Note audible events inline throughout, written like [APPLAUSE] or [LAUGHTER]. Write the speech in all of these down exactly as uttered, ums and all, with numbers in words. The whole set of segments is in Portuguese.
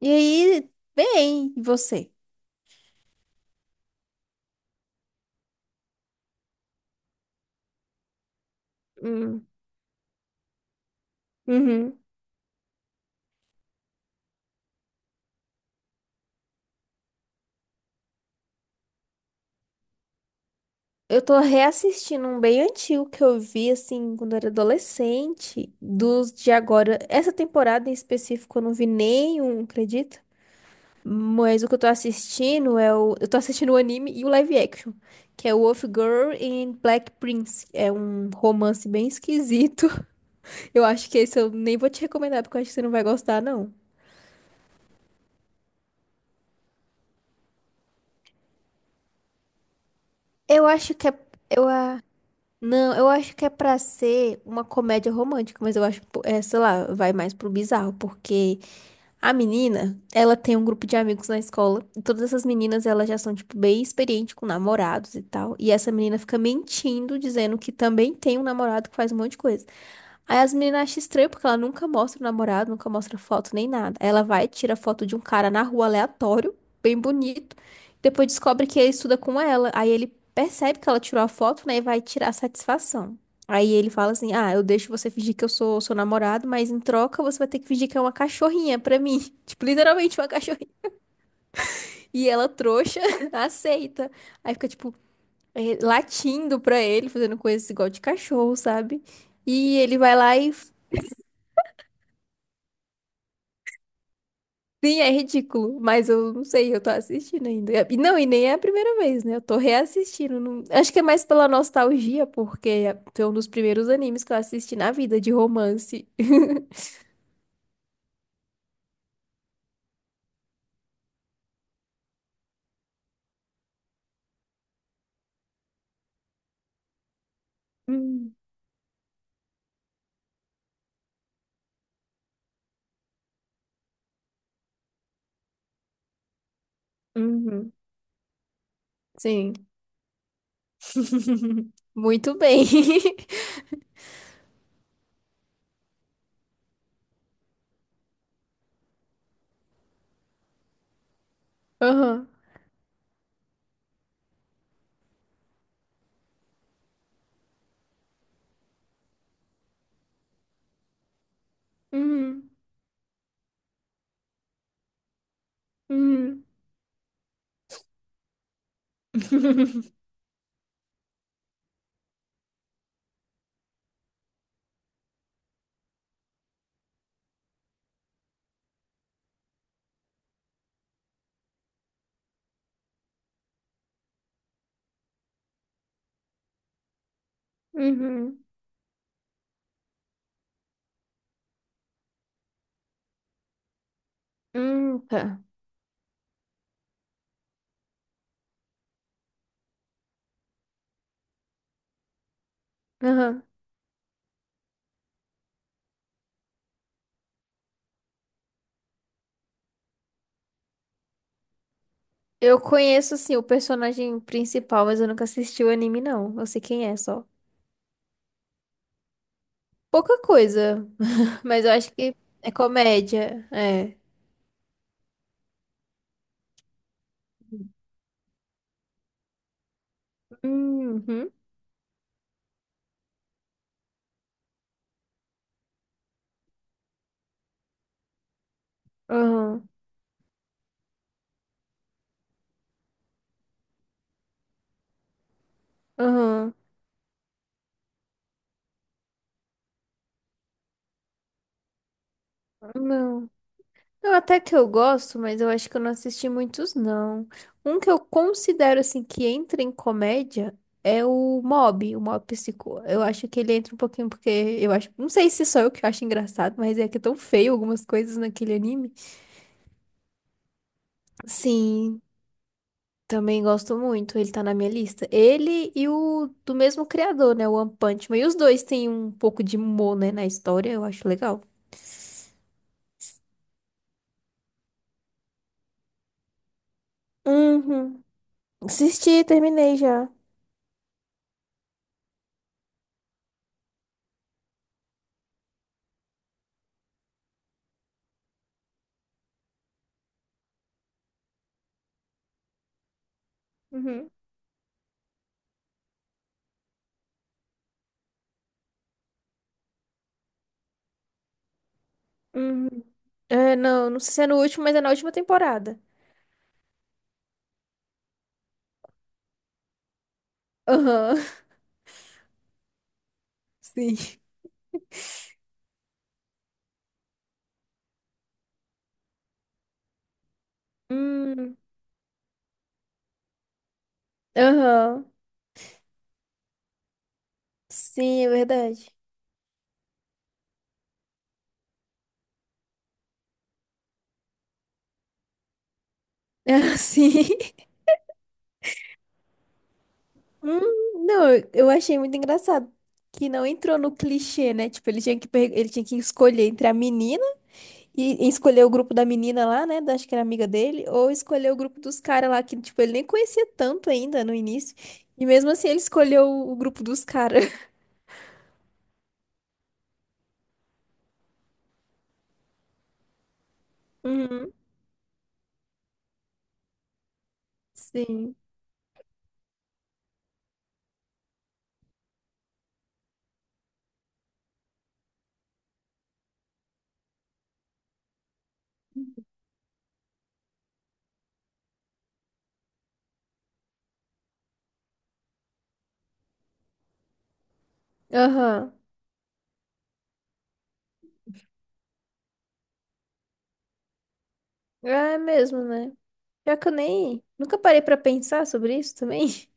E aí, bem, e você? Hum, uhum. Eu tô reassistindo um bem antigo que eu vi, assim, quando eu era adolescente, dos de agora. Essa temporada em específico eu não vi nenhum, acredita? Mas o que eu tô assistindo é o... Eu tô assistindo o anime e o live action, que é Wolf Girl and Black Prince. É um romance bem esquisito. [LAUGHS] Eu acho que esse eu nem vou te recomendar, porque eu acho que você não vai gostar, não. Eu acho que é... Eu, ah, Não, eu acho que é pra ser uma comédia romântica, mas eu acho, pô, é, sei lá, vai mais pro bizarro, porque a menina, ela tem um grupo de amigos na escola, e todas essas meninas, elas já são, tipo, bem experientes com namorados e tal, e essa menina fica mentindo, dizendo que também tem um namorado que faz um monte de coisa. Aí as meninas acham estranho porque ela nunca mostra o namorado, nunca mostra foto nem nada. Aí ela vai, tira foto de um cara na rua aleatório, bem bonito. Depois descobre que ele estuda com ela. Aí ele percebe que ela tirou a foto, né? E vai tirar a satisfação. Aí ele fala assim: Ah, eu deixo você fingir que eu sou seu namorado, mas em troca você vai ter que fingir que é uma cachorrinha pra mim. [LAUGHS] Tipo, literalmente uma cachorrinha. E ela, trouxa, [LAUGHS] aceita. Aí fica, tipo, eh, latindo pra ele, fazendo coisas igual de cachorro, sabe? E ele vai lá e sim, é ridículo, mas eu não sei, eu tô assistindo ainda. E não, e nem é a primeira vez, né? Eu tô reassistindo. não- Acho que é mais pela nostalgia, porque foi um dos primeiros animes que eu assisti na vida de romance. [LAUGHS] Hum, uhum. Sim. [LAUGHS] Muito bem. [LAUGHS] Aham. Uhum. Uhum. [LAUGHS] Uhum. Uhum. Tá. Aham. Eu conheço, assim, o personagem principal, mas eu nunca assisti o anime, não. Eu sei quem é só. Pouca coisa, [LAUGHS] mas eu acho que é comédia, é. Uhum, aham, aham, não. Não, até que eu gosto, mas eu acho que eu não assisti muitos, não. Um que eu considero, assim, que entra em comédia é o Mob, o Mob Psicô. Eu acho que ele entra um pouquinho porque eu acho... Não sei se sou eu que acho engraçado, mas é que é tão feio algumas coisas naquele anime. Sim, também gosto muito, ele tá na minha lista. Ele e o do mesmo criador, né? O One Punch Man. E os dois têm um pouco de humor, né, na história, eu acho legal. Uhum. Assisti, terminei já. Uhum, uhum. É, não, não sei se é no último, mas é na última temporada. Aham, [LAUGHS] sim. Hum, aham. Sim, é verdade. [LAUGHS] sim. Hum, não, eu eu achei muito engraçado. Que não entrou no clichê, né? Tipo, ele tinha que, per- ele tinha que escolher entre a menina E e escolher o grupo da menina lá, né? da- Acho que era amiga dele, ou escolher o grupo dos caras lá, que, tipo, ele nem conhecia tanto ainda no início. E mesmo assim ele escolheu o o grupo dos caras. [LAUGHS] Uhum. Sim. Aham. É mesmo, né? Pior que eu nem. Nunca parei pra pensar sobre isso também. [LAUGHS]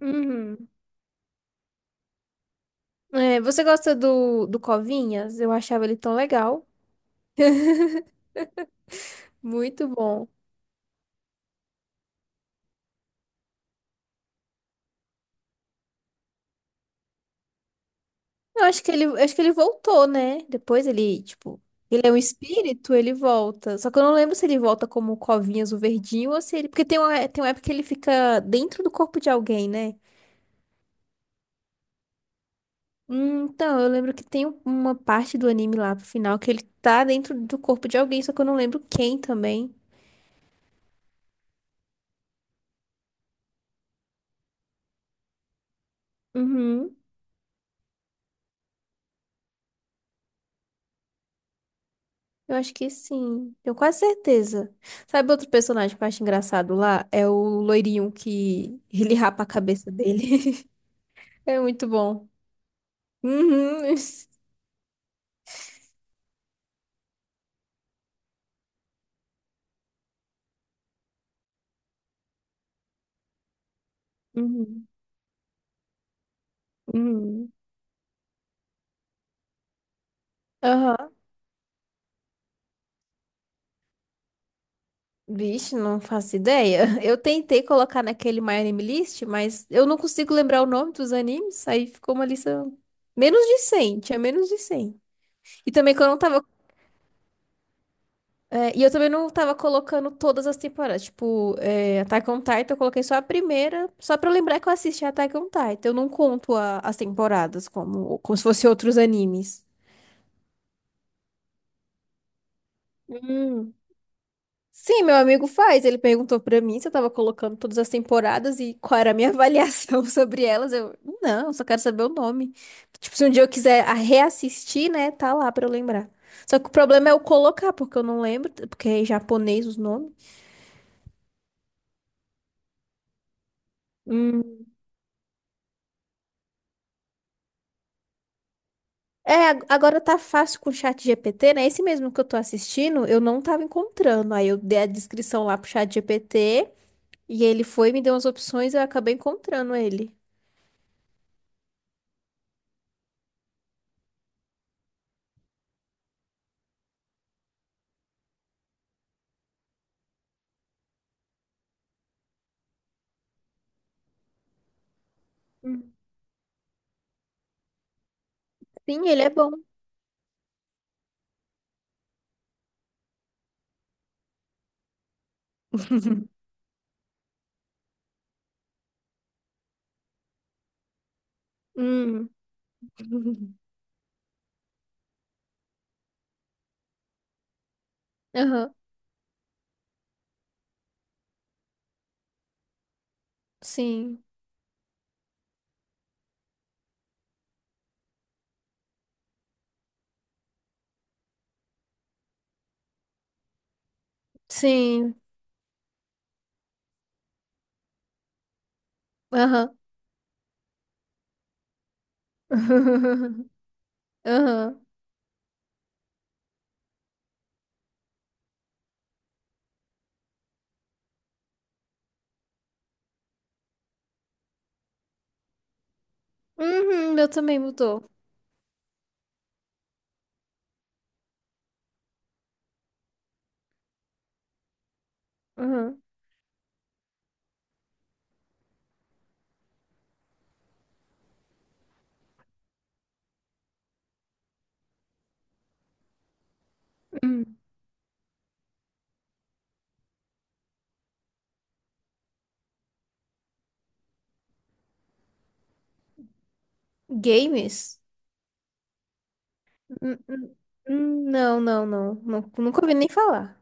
Uhum. É, você gosta do, do Covinhas? Eu achava ele tão legal. Muito bom. Eu acho que ele, eu acho que ele voltou, né? Depois ele, tipo, ele é um espírito, ele volta. Só que eu não lembro se ele volta como Covinhas, o verdinho, ou se ele. Porque tem uma, tem uma época que ele fica dentro do corpo de alguém, né? Hum, então, eu lembro que tem uma parte do anime lá pro final que ele tá dentro do corpo de alguém, só que eu não lembro quem também. Uhum. Eu acho que sim. Tenho quase certeza. Sabe outro personagem que eu acho engraçado lá? É o loirinho que ele [LAUGHS] rapa a cabeça dele. [LAUGHS] É muito bom. Uhum. [LAUGHS] Uhum. Uhum. Aham. Vixe, não faço ideia. [LAUGHS] Eu tentei colocar naquele My Anime List, mas eu não consigo lembrar o nome dos animes, aí ficou uma lista menos de cem, tinha menos de cem. E também que eu não tava. É, e eu também não tava colocando todas as temporadas. Tipo, é, Attack on Titan, eu coloquei só a primeira, só pra eu lembrar que eu assisti Attack on Titan. Eu não conto a- as temporadas como, como se fossem outros animes. Hum. Sim, meu amigo faz. Ele perguntou pra mim se eu tava colocando todas as temporadas e qual era a minha [LAUGHS] avaliação sobre elas. Eu, não, eu só quero saber o nome. Tipo, se um dia eu quiser a- reassistir, né, tá lá pra eu lembrar. Só que o problema é eu colocar, porque eu não lembro, porque é em japonês os nomes. Hum. É, ag- agora tá fácil com o chat G P T, né? Esse mesmo que eu tô assistindo, eu não tava encontrando. Aí eu dei a descrição lá pro chat G P T e ele foi, me deu umas opções e eu acabei encontrando ele. Hum. Sim, ele é bom. [LAUGHS] Hum. [LAUGHS] Aham, sim, sim, aham. [LAUGHS] Aham. Uhum, meu também mudou. Aham. Hum. Games? Hum, hum, hum, Não, não, não, Nu- nunca ouvi nem falar.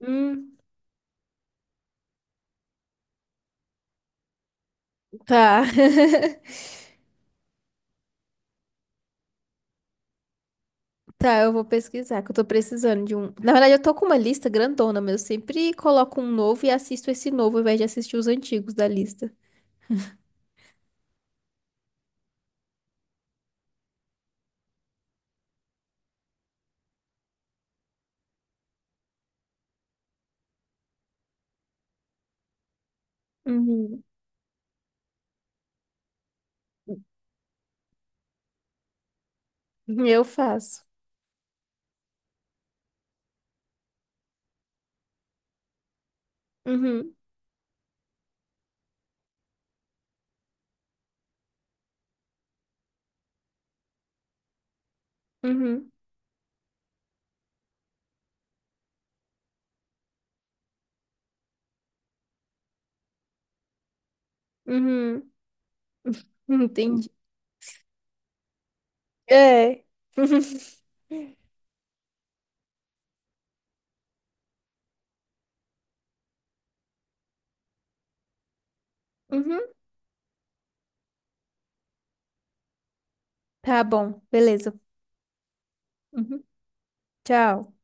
Hum, tá. [LAUGHS] Tá, eu vou pesquisar, que eu tô precisando de um. Na verdade, eu tô com uma lista grandona, mas eu sempre coloco um novo e assisto esse novo, ao invés de assistir os antigos da lista. Uhum. Eu faço. Uhum, uhum, uhum. [LAUGHS] Entendi. É. [LAUGHS] Uhum. Tá bom, beleza. Uhum. Tchau.